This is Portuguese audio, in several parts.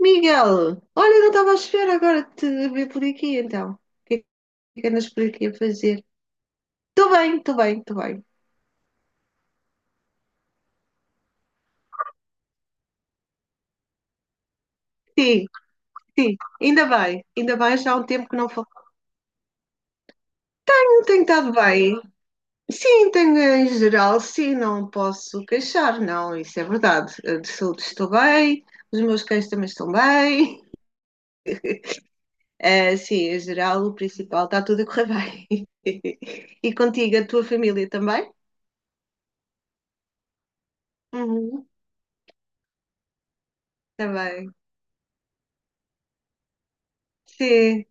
Miguel, olha, eu não estava à espera agora de te ver por aqui, então. O que é que andas por aqui a fazer? Estou bem, estou bem, estou bem. Sim, sim, ainda bem, já há um tempo que não falo. Não tenho estado bem. Sim, tenho em geral, sim, não posso queixar, não, isso é verdade. De saúde estou bem, os meus cães também estão bem. Sim, em geral, o principal está tudo a correr bem. E contigo, a tua família também? Uhum, está bem. Sim,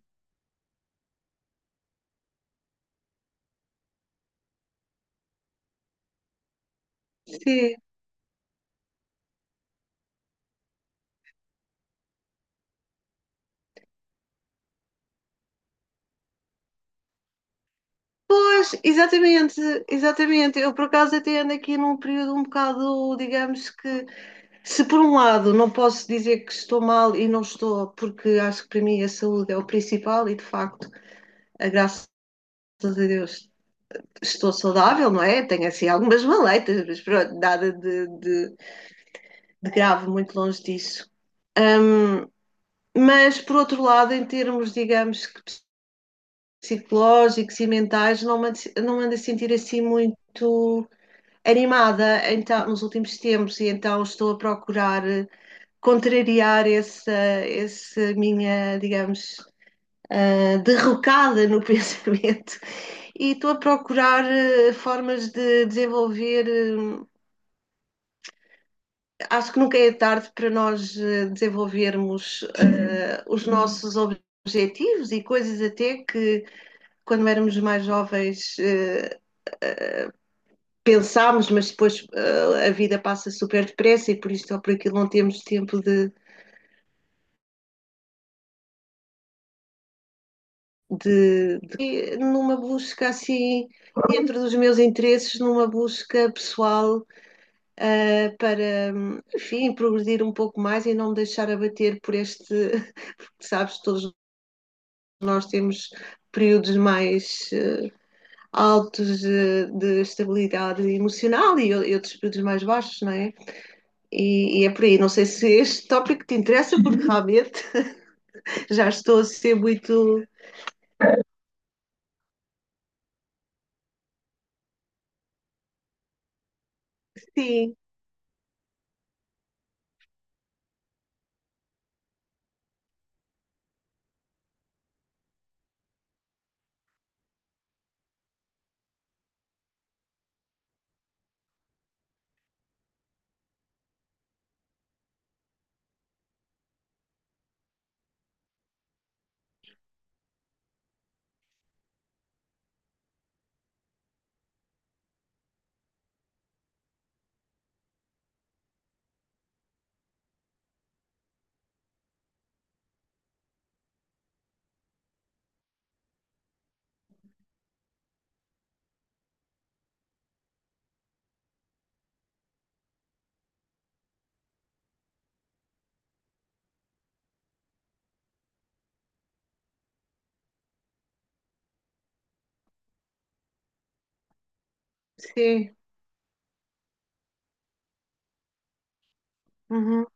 sim. Pois, exatamente, exatamente. Eu, por acaso, até ando aqui num período um bocado, digamos que, se por um lado não posso dizer que estou mal e não estou, porque acho que para mim a saúde é o principal e, de facto, a graças a Deus estou saudável, não é? Tenho assim algumas maleitas, mas pronto, nada de grave, muito longe disso. Mas, por outro lado, em termos, digamos que psicológicos e mentais, não me ando a sentir assim muito animada então, nos últimos tempos e então estou a procurar contrariar essa, essa minha, digamos, derrocada no pensamento. E estou a procurar formas de desenvolver. Acho que nunca é tarde para nós desenvolvermos os nossos objetivos e coisas até que, quando éramos mais jovens, pensámos, mas depois a vida passa super depressa e por isto ou por aquilo não temos tempo numa busca assim, dentro dos meus interesses, numa busca pessoal para, enfim, progredir um pouco mais e não me deixar abater por este, porque sabes, todos nós temos períodos mais altos de estabilidade emocional e, outros períodos mais baixos, não é? E, é por aí. Não sei se este tópico te interessa, porque realmente já estou a ser muito. Sim, sim. uhum.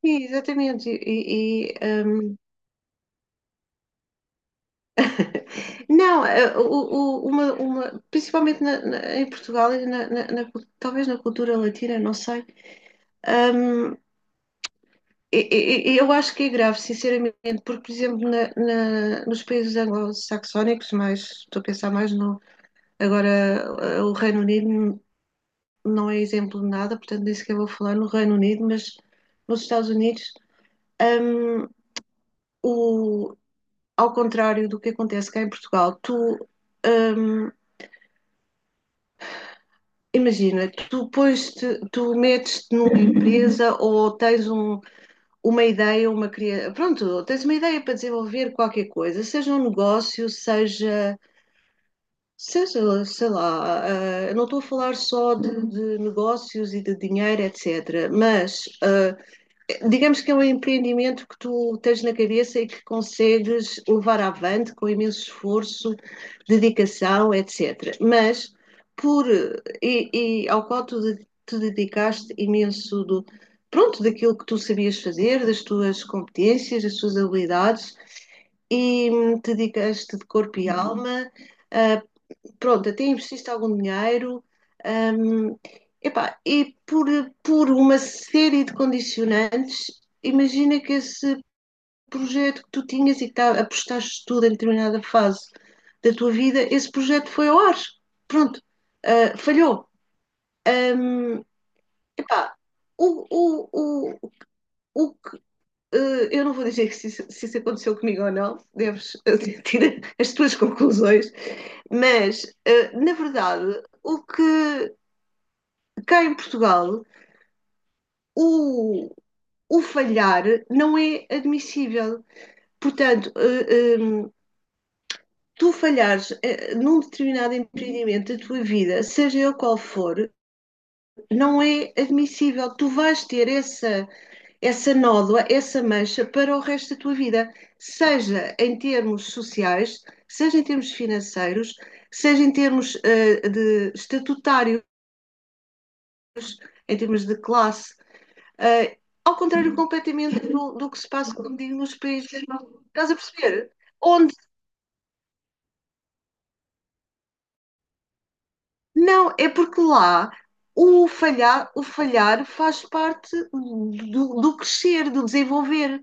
Sim, exatamente. Não, o- uma- principalmente na- na- em Portugal, e na- na- na cul- talvez na cultura latina, não sei. Hum, e eu acho que é grave, sinceramente, porque, por exemplo, na- na- nos países anglo-saxónicos, mas estou a pensar mais no. Agora, o Reino Unido não é exemplo de nada, portanto, nem sequer vou falar no Reino Unido, mas nos Estados Unidos. hum, o, ao contrário do que acontece cá em Portugal, tu hum, imagina, tu pões-te, tu metes-te numa empresa ou tens um, uma ideia, uma criação, pronto, tens uma ideia para desenvolver qualquer coisa, seja um negócio, seja seja, sei lá, não estou a falar só de, negócios e de dinheiro, etc., mas digamos que é um empreendimento que tu tens na cabeça e que consegues levar avante com imenso esforço, dedicação, etc. Mas por e, e ao qual tu de- te dedicaste imenso do pronto daquilo que tu sabias fazer, das tuas competências, das tuas habilidades e te dedicaste de corpo e alma, ah, pronto, até investiste algum dinheiro, hum, epá, e por uma série de condicionantes, imagina que esse projeto que tu tinhas e que tá, apostaste tudo em determinada fase da tua vida, esse projeto foi ao ar, pronto, falhou. Hum, Epá, o, o, o, o, eu não vou dizer que se, isso- se isso aconteceu comigo ou não, deves tirar as tuas conclusões, mas na verdade, o que cá em Portugal, o, o falhar não é admissível. Portanto, em, tu falhares num determinado empreendimento da tua vida, seja ele qual for, não é admissível. Tu vais ter essa nódoa, essa mancha para o resto da tua vida, seja em termos sociais, seja em termos financeiros, seja em termos de estatutários, em termos de classe, ao contrário completamente do, do que se passa, como digo, nos países. Estás a perceber? Onde não, é porque lá o falhar faz parte do, do crescer, do desenvolver.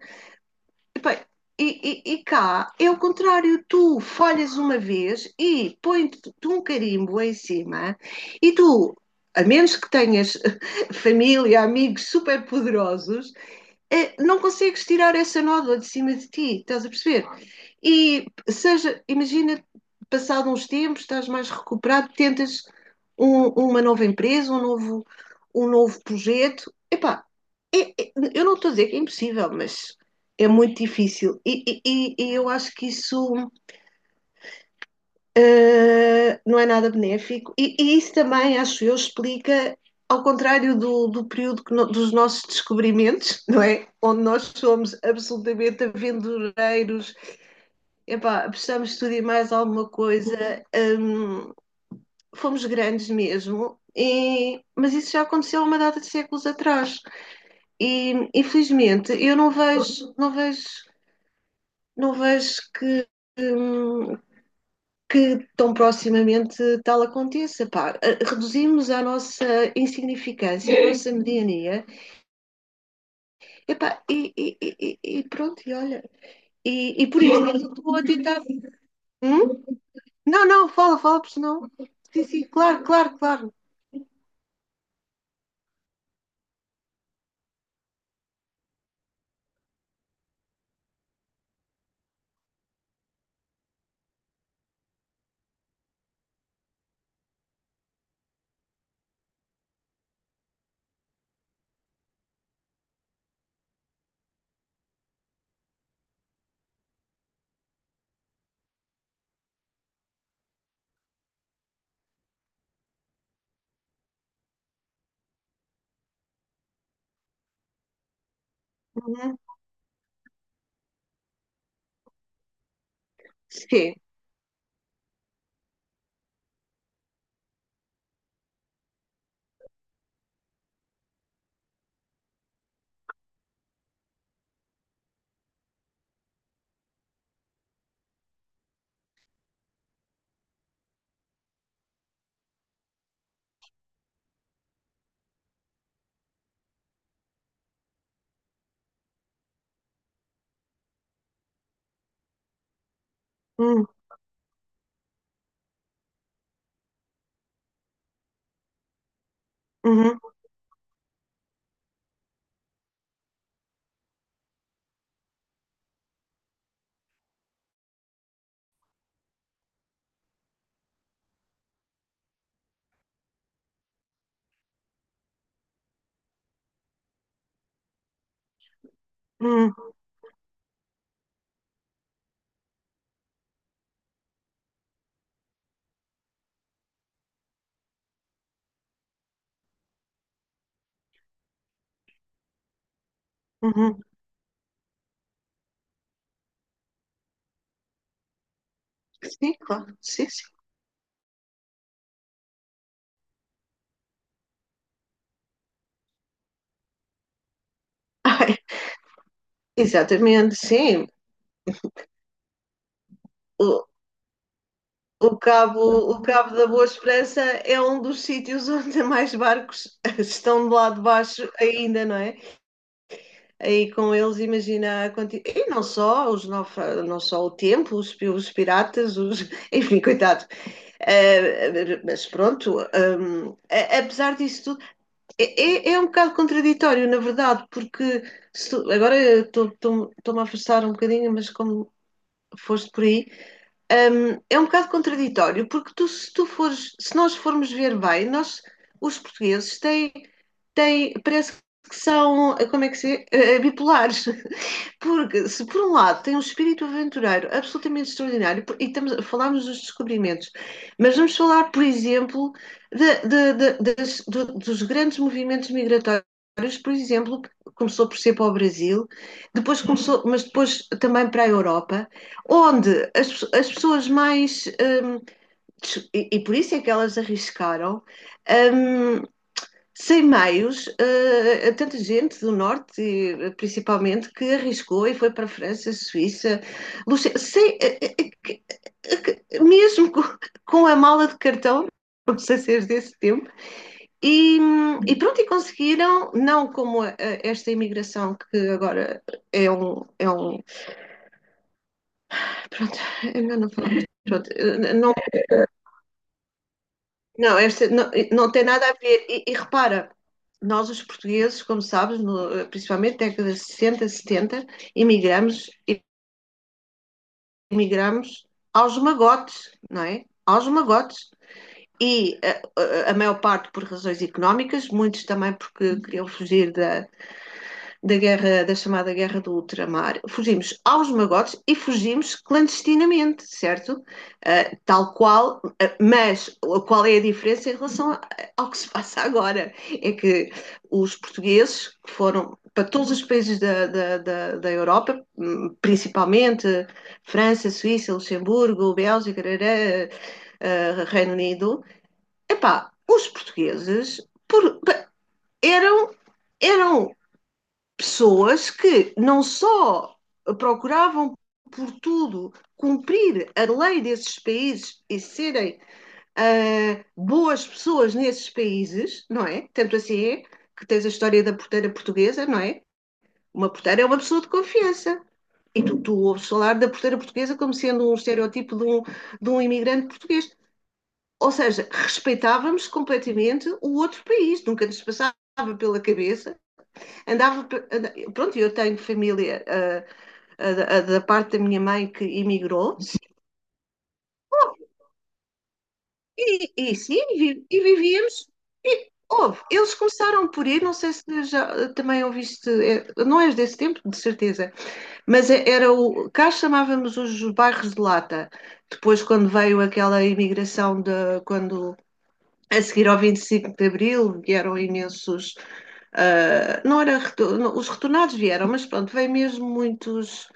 Epá, e, e cá é o contrário, tu folhas uma vez e põe-te um carimbo em cima, e tu, a menos que tenhas família, amigos super poderosos, não consegues tirar essa nódoa de cima de ti, estás a perceber? E seja, imagina, passado uns tempos, estás mais recuperado, tentas um- uma nova empresa, um novo projeto. Epá, é- é- eu não estou a dizer que é impossível, mas é muito difícil. E- e eu acho que isso não é nada benéfico, e, isso também, acho eu, explica, ao contrário do, do período que no, dos nossos descobrimentos, não é? Onde nós somos absolutamente aventureiros, epá, precisamos estudar mais alguma coisa, um, fomos grandes mesmo. E, mas isso já aconteceu há uma data de séculos atrás e infelizmente eu não vejo hum, que tão proximamente tal aconteça. Pá. Reduzimos a nossa insignificância, a nossa mediania, epá, e, pá, e pronto, e olha. E por isso eu estou a tentar. Hum? Não, não, fala, fala, porque senão. Sim, sim, claro, claro, claro. Uhum. Sim. Uhum. Uhum. hum, Uhum. Sim, claro, sim, sim. Ai, exatamente, sim. O Cabo, o Cabo da Boa Esperança é um dos sítios onde mais barcos estão do lado de baixo ainda, não é? Aí com eles, imagina a quanti- E não só, os naufra- não só o tempo, os, pi- os piratas, os... enfim, coitado. Mas pronto, a- apesar disso tudo, é, é- é um bocado contraditório, na verdade, porque se tu- agora eu estou- estou- estou-me a afastar um bocadinho, mas como foste por aí é um bocado contraditório, porque tu, se tu fores, se nós formos ver bem, nós, os portugueses, têm, têm parece que são, como é que se diz, bipolares. Porque, se por um lado tem um espírito aventureiro absolutamente extraordinário, e estamos, falámos dos descobrimentos, mas vamos falar, por exemplo, de- das- do- dos grandes movimentos migratórios, por exemplo, começou por ser para o Brasil, depois começou, mas depois também para a Europa, onde as pessoas mais. hum, e, e por isso é que elas arriscaram. hum, Sem meios, a tanta gente do norte, principalmente, que arriscou e foi para a França, Suíça, Luxem- sem, que- que- mesmo com a mala de cartão, os aceiros desse tempo, e pronto, e conseguiram, não como a- esta imigração que agora é um pronto, é melhor não falar, mas pronto, não. Não, esta não, não tem nada a ver. E repara, nós os portugueses, como sabes, no, principalmente na década de 60, 70, emigramos, imigramos aos magotes, não é? Aos magotes. E a maior parte por razões económicas, muitos também porque queriam fugir da, da guerra, da chamada guerra do ultramar, fugimos aos magotes e fugimos clandestinamente, certo? Ah, tal qual, ah, mas qual é a diferença em relação a- ao que se passa agora? É que os portugueses que foram para todos os países da Europa, principalmente França, Suíça, Luxemburgo, Bélgica, rará, Reino Unido, epá, os portugueses por- eram eram pessoas que não só procuravam por tudo cumprir a lei desses países e serem boas pessoas nesses países, não é? Tanto assim é que tens a história da porteira portuguesa, não é? Uma porteira é uma pessoa de confiança. E tu, tu ouves falar da porteira portuguesa como sendo um estereótipo de um imigrante português. Ou seja, respeitávamos completamente o outro país, nunca nos passava pela cabeça andava, pronto, eu tenho família da parte da minha mãe que emigrou e sim, vi- e vivíamos. E, houve, eles começaram por ir, não sei se já também ouviste, é, não és desse tempo, de certeza, mas é- era o, cá chamávamos os bairros de lata. Depois, quando veio aquela imigração de, quando a seguir ao 25 de Abril vieram imensos, não era, retor- não, os retornados vieram, mas pronto, veio mesmo muitos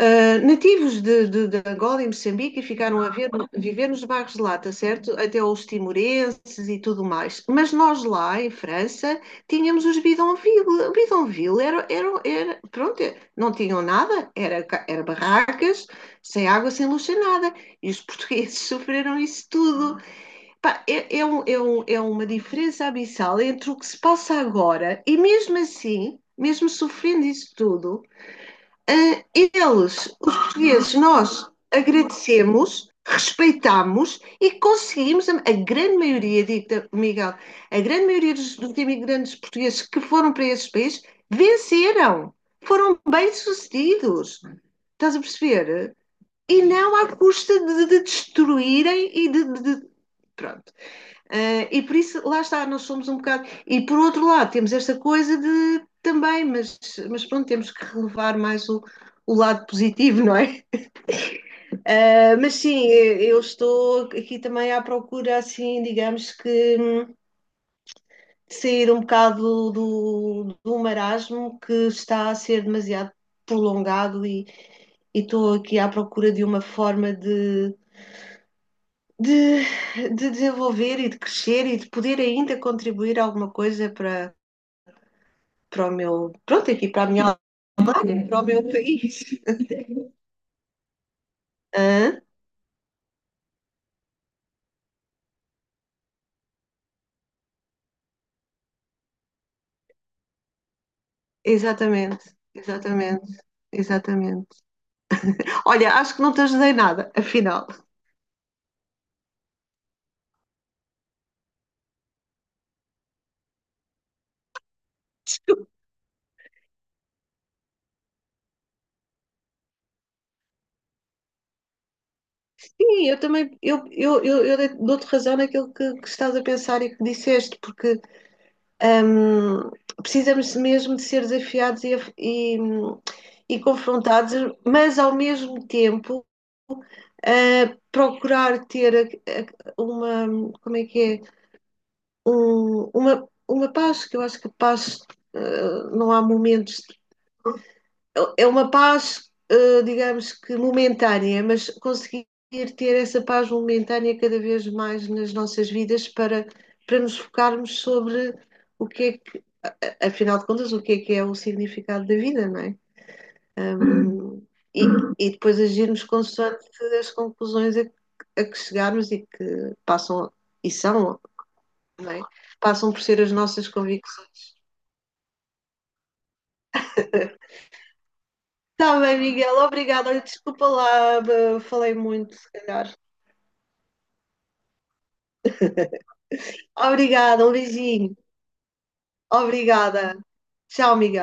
nativos de Angola e Moçambique e ficaram a ver- viver nos bairros de lata, certo? Até os timorenses e tudo mais. Mas nós lá em França tínhamos os bidonville. Bidonville era, era, era- pronto, é, não tinham nada, era, era barracas, sem água, sem luz, sem nada. E os portugueses sofreram isso tudo. Pá, é, é um- é um- é uma diferença abissal entre o que se passa agora e mesmo assim, mesmo sofrendo isso tudo, eles, os portugueses, nós agradecemos, respeitamos e conseguimos, a grande maioria, dita Miguel, a grande maioria dos, dos imigrantes portugueses que foram para esses países venceram, foram bem-sucedidos. Estás a perceber? E não à custa de destruírem e de- pronto. E por isso, lá está, nós somos um bocado. E por outro lado, temos esta coisa de também, mas pronto, temos que relevar mais o lado positivo, não é? Mas sim, eu estou aqui também à procura, assim, digamos que sair um bocado do, do marasmo que está a ser demasiado prolongado e, estou aqui à procura de uma forma de, de desenvolver e de crescer e de poder ainda contribuir alguma coisa para para o meu. Pronto, aqui para a minha para o meu país. Hã? Exatamente, exatamente, exatamente. Olha, acho que não te ajudei nada, afinal. Sim, eu também eu dou-te razão naquilo que estás a pensar e que disseste, porque hum, precisamos mesmo de ser desafiados e confrontados, mas ao mesmo tempo. Procurar ter a- uma, como é que é? Um- uma paz, que eu acho que paz, não há momentos. É uma paz, digamos que momentânea, mas conseguir ter essa paz momentânea cada vez mais nas nossas vidas para, para nos focarmos sobre o que é que, afinal de contas, o que é o significado da vida, não é? Um, e, e depois agirmos consoante as conclusões a que chegarmos e que passam, e são, não é? Passam por ser as nossas convicções. Tá bem, Miguel, obrigada. Olha, desculpa lá, falei muito, se calhar. Obrigada, um beijinho. Obrigada. Tchau, Miguel.